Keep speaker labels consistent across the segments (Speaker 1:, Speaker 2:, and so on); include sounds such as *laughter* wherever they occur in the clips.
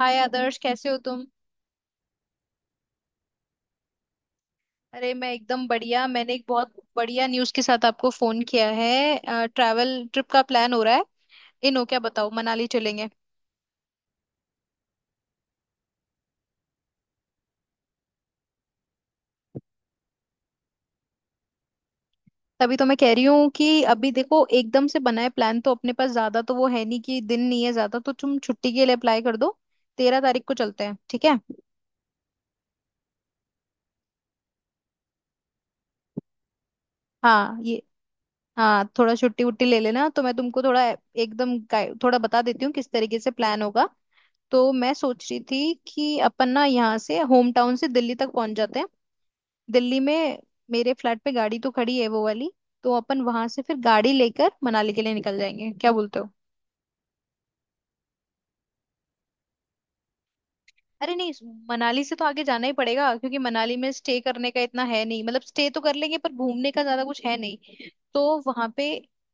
Speaker 1: हाय आदर्श, कैसे हो तुम? अरे, मैं एकदम बढ़िया। मैंने एक बहुत बढ़िया न्यूज़ के साथ आपको फोन किया है। ट्रैवल ट्रिप का प्लान हो रहा है। इन हो, क्या बताओ, मनाली चलेंगे। तभी तो मैं कह रही हूँ कि अभी देखो, एकदम से बनाए प्लान तो अपने पास ज्यादा तो वो है नहीं कि दिन नहीं है ज्यादा, तो तुम छुट्टी के लिए अप्लाई कर दो। 13 तारीख को चलते हैं, ठीक है। हाँ, ये हाँ, थोड़ा छुट्टी वुट्टी ले लेना तो मैं तुमको थोड़ा एकदम थोड़ा बता देती हूँ किस तरीके से प्लान होगा। तो मैं सोच रही थी कि अपन ना यहाँ से, होम टाउन से, दिल्ली तक पहुंच जाते हैं। दिल्ली में मेरे फ्लैट पे गाड़ी तो खड़ी है, वो वाली। तो अपन वहां से फिर गाड़ी लेकर मनाली के लिए निकल जाएंगे, क्या बोलते हो? अरे नहीं, मनाली से तो आगे जाना ही पड़ेगा, क्योंकि मनाली में स्टे करने का इतना है नहीं, मतलब स्टे तो कर लेंगे पर घूमने का ज्यादा कुछ है नहीं। तो वहां पे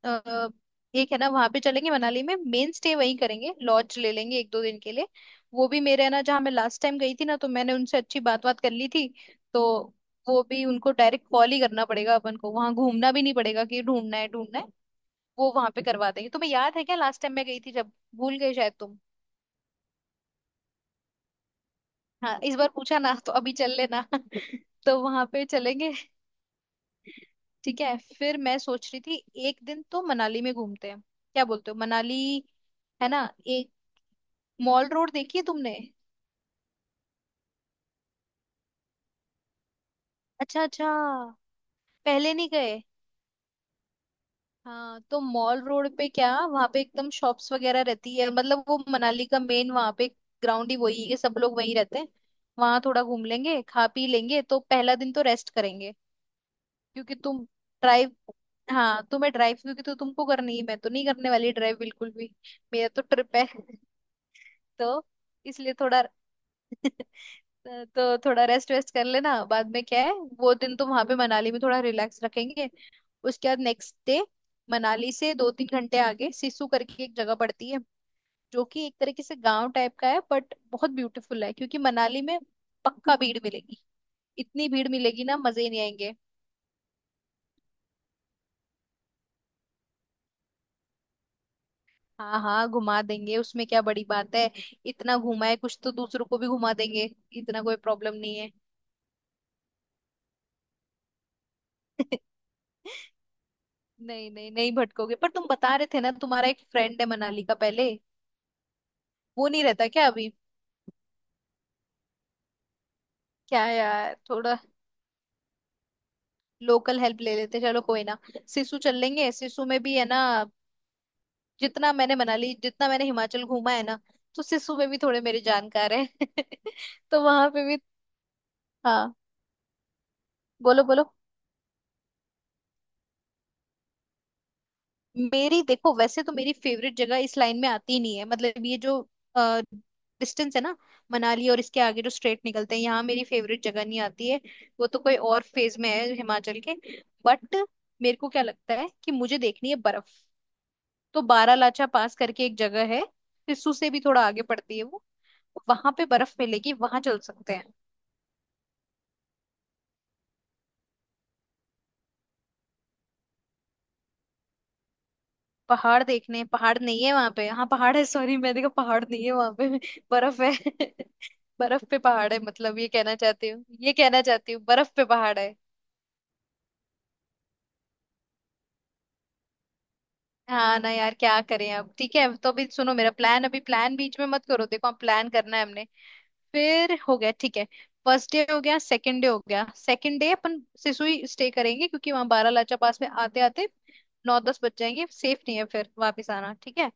Speaker 1: अ, एक है ना, वहां पे चलेंगे, मनाली में मेन स्टे वहीं करेंगे, लॉज ले लेंगे एक दो दिन के लिए। वो भी मेरे है ना, जहाँ मैं लास्ट टाइम गई थी ना, तो मैंने उनसे अच्छी बात बात कर ली थी। तो वो भी उनको डायरेक्ट कॉल ही करना पड़ेगा, अपन को वहां घूमना भी नहीं पड़ेगा कि ढूंढना है ढूंढना है। वो वहां पे करवा देंगे। तुम्हें याद है क्या, लास्ट टाइम मैं गई थी जब? भूल गए शायद तुम। हाँ, इस बार पूछा ना, तो अभी चल लेना। *laughs* तो वहां पे चलेंगे। ठीक है, फिर मैं सोच रही थी एक दिन तो मनाली में घूमते हैं, क्या बोलते हो? मनाली है ना, एक मॉल रोड, देखी है तुमने? अच्छा अच्छा, पहले नहीं गए। हाँ, तो मॉल रोड पे क्या, वहां पे एकदम शॉप्स वगैरह रहती है, मतलब वो मनाली का मेन वहां पे ग्राउंड ही वही है, सब लोग वहीं रहते हैं। वहां थोड़ा घूम लेंगे, खा पी लेंगे, तो पहला दिन तो रेस्ट करेंगे। क्योंकि तुम ड्राइव, हाँ तुम्हें ड्राइव क्योंकि तो तुमको करनी है, मैं तो नहीं करने वाली ड्राइव बिल्कुल भी। मेरा तो ट्रिप है। *laughs* तो इसलिए थोड़ा। *laughs* तो थोड़ा रेस्ट वेस्ट कर लेना, बाद में क्या है। वो दिन तो वहां पे मनाली में थोड़ा रिलैक्स रखेंगे। उसके बाद नेक्स्ट डे, मनाली से 2 3 घंटे आगे सिसु करके एक जगह पड़ती है, जो कि एक तरीके से गांव टाइप का है, बट बहुत ब्यूटीफुल है। क्योंकि मनाली में पक्का भीड़ मिलेगी, इतनी भीड़ मिलेगी ना, मजे ही नहीं आएंगे। हाँ हाँ, घुमा देंगे, उसमें क्या बड़ी बात है। इतना घुमा है कुछ, तो दूसरों को भी घुमा देंगे, इतना कोई प्रॉब्लम नहीं है। *laughs* नहीं नहीं नहीं भटकोगे, पर तुम बता रहे थे ना तुम्हारा एक फ्रेंड है मनाली का पहले। वो नहीं रहता क्या अभी? क्या यार, थोड़ा लोकल हेल्प ले लेते, चलो कोई ना। सिसु चल लेंगे, सिसु में भी है ना, जितना मैंने हिमाचल घूमा है ना, तो सिसु में भी थोड़े मेरे जानकार है। *laughs* तो वहां पे भी हाँ। बोलो बोलो। मेरी देखो, वैसे तो मेरी फेवरेट जगह इस लाइन में आती नहीं है, मतलब ये जो डिस्टेंस है ना, मनाली और इसके आगे जो स्ट्रेट निकलते हैं, यहाँ मेरी फेवरेट जगह नहीं आती है। वो तो कोई और फेज में है हिमाचल के। बट मेरे को क्या लगता है कि मुझे देखनी है बर्फ, तो बारालाचा पास करके एक जगह है, सिस्सू से भी थोड़ा आगे पड़ती है वो। वहां पे बर्फ मिलेगी, वहां चल सकते हैं। पहाड़ देखने, पहाड़ नहीं है वहां पे, हाँ पहाड़ है, सॉरी, मैंने कहा पहाड़ नहीं है वहां पे, बर्फ है। *laughs* बर्फ पे पहाड़ है, मतलब ये कहना चाहती हूँ, ये कहना चाहती हूँ बर्फ पे पहाड़ है। हाँ ना यार, क्या करें अब, ठीक है। तो अभी सुनो मेरा प्लान, अभी प्लान बीच में मत करो, देखो हम प्लान करना है हमने। फिर हो गया, ठीक है। फर्स्ट डे हो गया, सेकंड डे हो गया, सेकंड डे अपन सिसुई स्टे करेंगे, क्योंकि वहां बारालाचा पास में आते आते 9 10 बज जाएंगे, सेफ नहीं है फिर वापस आना, ठीक है।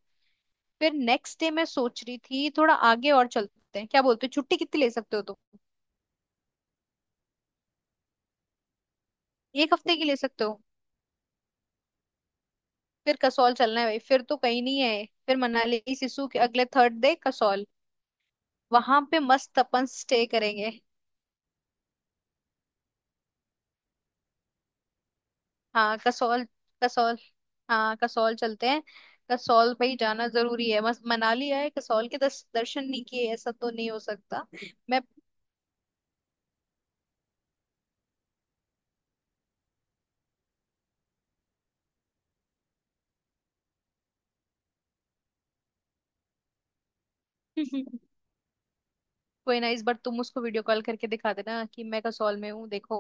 Speaker 1: फिर नेक्स्ट डे मैं सोच रही थी थोड़ा आगे और चलते हैं, क्या बोलते हो? छुट्टी कितनी ले सकते हो तुम? एक हफ्ते की ले सकते हो? फिर कसौल चलना है भाई, फिर तो कहीं नहीं है, फिर मनाली सिसु के अगले थर्ड डे कसौल। वहां पे मस्त अपन स्टे करेंगे। हाँ कसौल, कसौल, हाँ कसौल चलते हैं। कसौल भाई जाना जरूरी है, मस्त। मनाली आए, कसौल के दर्शन नहीं किए, ऐसा तो नहीं हो सकता। मैं। *laughs* कोई ना, इस बार तुम उसको वीडियो कॉल करके दिखा देना कि मैं कसौल में हूँ देखो।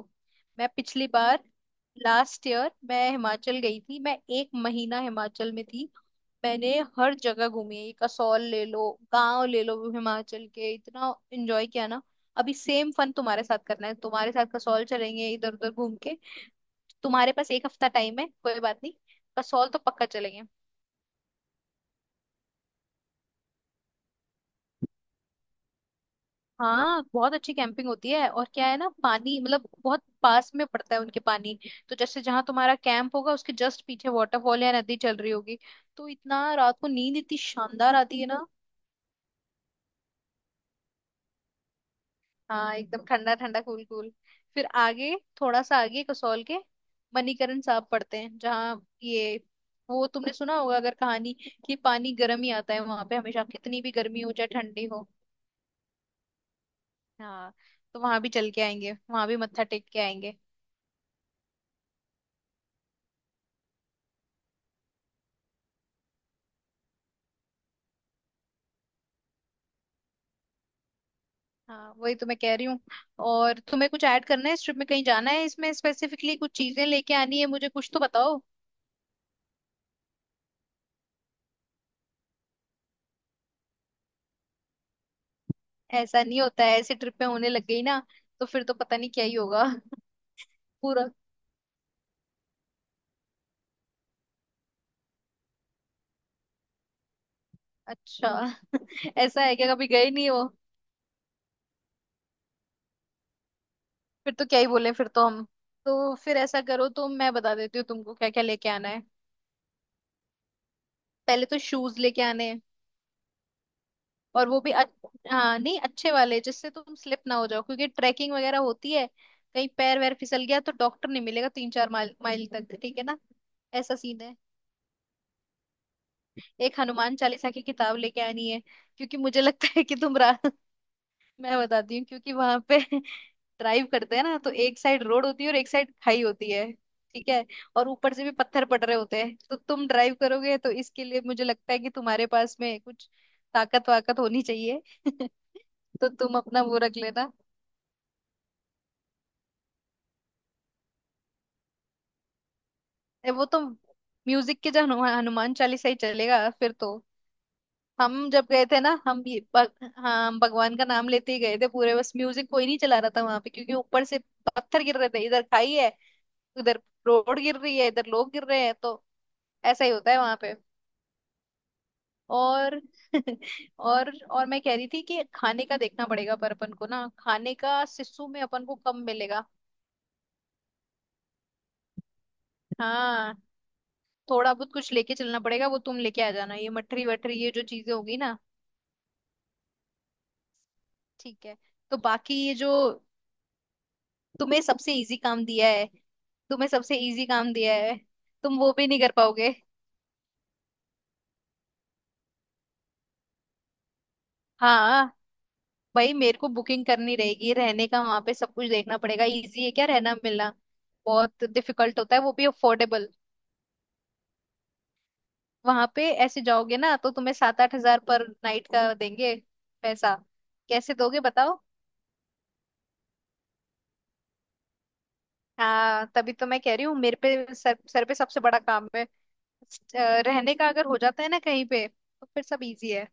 Speaker 1: मैं पिछली बार, लास्ट ईयर मैं हिमाचल गई थी, मैं एक महीना हिमाचल में थी। मैंने हर जगह घूमी है, ये कसौल ले लो, गांव ले लो हिमाचल के, इतना एंजॉय किया ना। अभी सेम फन तुम्हारे साथ करना है, तुम्हारे साथ कसौल चलेंगे, इधर उधर घूम के। तुम्हारे पास एक हफ्ता टाइम है, कोई बात नहीं, कसौल तो पक्का चलेंगे। हाँ, बहुत अच्छी कैंपिंग होती है, और क्या है ना, पानी मतलब बहुत पास में पड़ता है उनके, पानी तो जैसे जहाँ तुम्हारा कैंप होगा उसके जस्ट पीछे वाटरफॉल या नदी चल रही होगी, तो इतना रात को नींद इतनी शानदार आती है ना। हाँ एकदम ठंडा ठंडा कूल कूल। फिर आगे, थोड़ा सा आगे कसौल के मणिकरण साहब पड़ते हैं, जहाँ ये, वो तुमने सुना होगा अगर कहानी कि पानी गर्म ही आता है वहां पे हमेशा, कितनी भी गर्मी हो चाहे ठंडी हो। हाँ, तो वहां भी चल के आएंगे, वहां भी मत्था टेक के आएंगे। हाँ वही तो मैं कह रही हूँ। और तुम्हें कुछ ऐड करना है इस ट्रिप में, कहीं जाना है, इसमें स्पेसिफिकली कुछ चीजें लेके आनी है मुझे, कुछ तो बताओ। ऐसा नहीं होता है, ऐसे ट्रिप में होने लग गई ना, तो फिर तो पता नहीं क्या ही होगा। *laughs* पूरा, अच्छा। *laughs* ऐसा है क्या, कभी गए नहीं हो? फिर तो क्या ही बोले, फिर तो हम। तो फिर ऐसा करो, तो मैं बता देती हूँ तुमको क्या क्या लेके आना है। पहले तो शूज लेके आने हैं, और वो भी हाँ नहीं, अच्छे वाले जिससे तुम स्लिप ना हो जाओ, क्योंकि ट्रैकिंग वगैरह होती है। कहीं पैर वैर फिसल गया तो डॉक्टर नहीं मिलेगा 3 4 माइल माइल तक, ठीक है ना। ऐसा सीन है। एक हनुमान चालीसा की किताब लेके आनी है, क्योंकि मुझे लगता है कि तुम रा *laughs* मैं बताती हूँ, क्योंकि वहां पे *laughs* ड्राइव करते हैं ना तो एक साइड रोड होती है और एक साइड खाई होती है, ठीक है। और ऊपर से भी पत्थर पड़ रहे होते हैं, तो तुम ड्राइव करोगे तो इसके लिए मुझे लगता है कि तुम्हारे पास में कुछ ताकत वाकत होनी चाहिए। *laughs* तो तुम अपना वो रख लेना। ए, वो तो म्यूजिक के जो हनुमान चालीसा ही चलेगा फिर तो। हम जब गए थे ना, हम ये हाँ, हम भगवान का नाम लेते ही गए थे पूरे, बस म्यूजिक कोई नहीं चला रहा था वहां पे, क्योंकि ऊपर से पत्थर गिर रहे थे, इधर खाई है, उधर रोड गिर रही है, इधर लोग गिर रहे हैं, तो ऐसा ही होता है वहां पे। और *laughs* और मैं कह रही थी कि खाने का देखना पड़ेगा, पर अपन को ना खाने का सिस्सू में अपन को कम मिलेगा। हाँ, थोड़ा बहुत कुछ लेके चलना पड़ेगा, वो तुम लेके आ जाना, ये मठरी वठरी ये जो चीजें होगी ना। ठीक है। तो बाकी ये जो, तुम्हें सबसे इजी काम दिया है, तुम्हें सबसे इजी काम दिया है, तुम वो भी नहीं कर पाओगे। हाँ भाई, मेरे को बुकिंग करनी रहेगी रहने का, वहां पे सब कुछ देखना पड़ेगा, इजी है क्या रहना मिलना, बहुत डिफिकल्ट होता है, वो भी अफोर्डेबल। वहां पे ऐसे जाओगे ना तो तुम्हें 7 8 हज़ार पर नाइट का देंगे, पैसा कैसे दोगे बताओ? हाँ तभी तो मैं कह रही हूँ, मेरे पे सर सर पे सबसे बड़ा काम है। अ, रहने का अगर हो जाता है ना कहीं पे, तो फिर सब इजी है।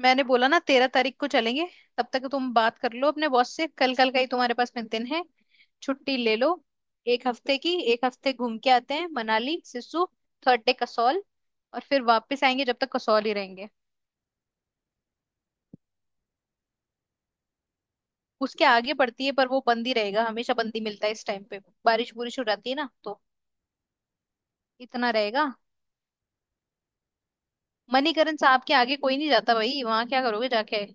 Speaker 1: मैंने बोला ना, 13 तारीख को चलेंगे। तब तक तुम बात कर लो अपने बॉस से, कल, कल का ही तुम्हारे पास में दिन है, छुट्टी ले लो एक हफ्ते की। एक हफ्ते घूम के आते हैं, मनाली सिसु, थर्ड डे कसौल, और फिर वापस आएंगे, जब तक कसौल ही रहेंगे। उसके आगे पड़ती है, पर वो बंद ही रहेगा, हमेशा बंद ही मिलता है इस टाइम पे, बारिश बुरिश हो जाती है ना, तो इतना रहेगा। मणिकरण साहब के आगे कोई नहीं जाता भाई, वहां क्या करोगे जाके।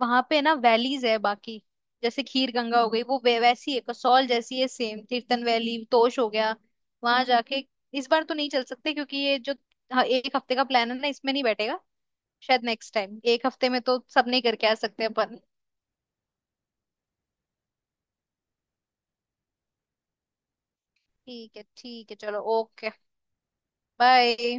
Speaker 1: वहां पे ना वैलीज है बाकी, जैसे खीर गंगा हो गई वो वैसी है, कसौल जैसी है सेम, तीर्थन वैली तोश हो गया। वहां जाके इस बार तो नहीं चल सकते, क्योंकि ये जो एक हफ्ते का प्लान है ना, इसमें नहीं बैठेगा। शायद नेक्स्ट टाइम, एक हफ्ते में तो सब नहीं करके आ सकते अपन। ठीक है, ठीक है, चलो ओके, बाय।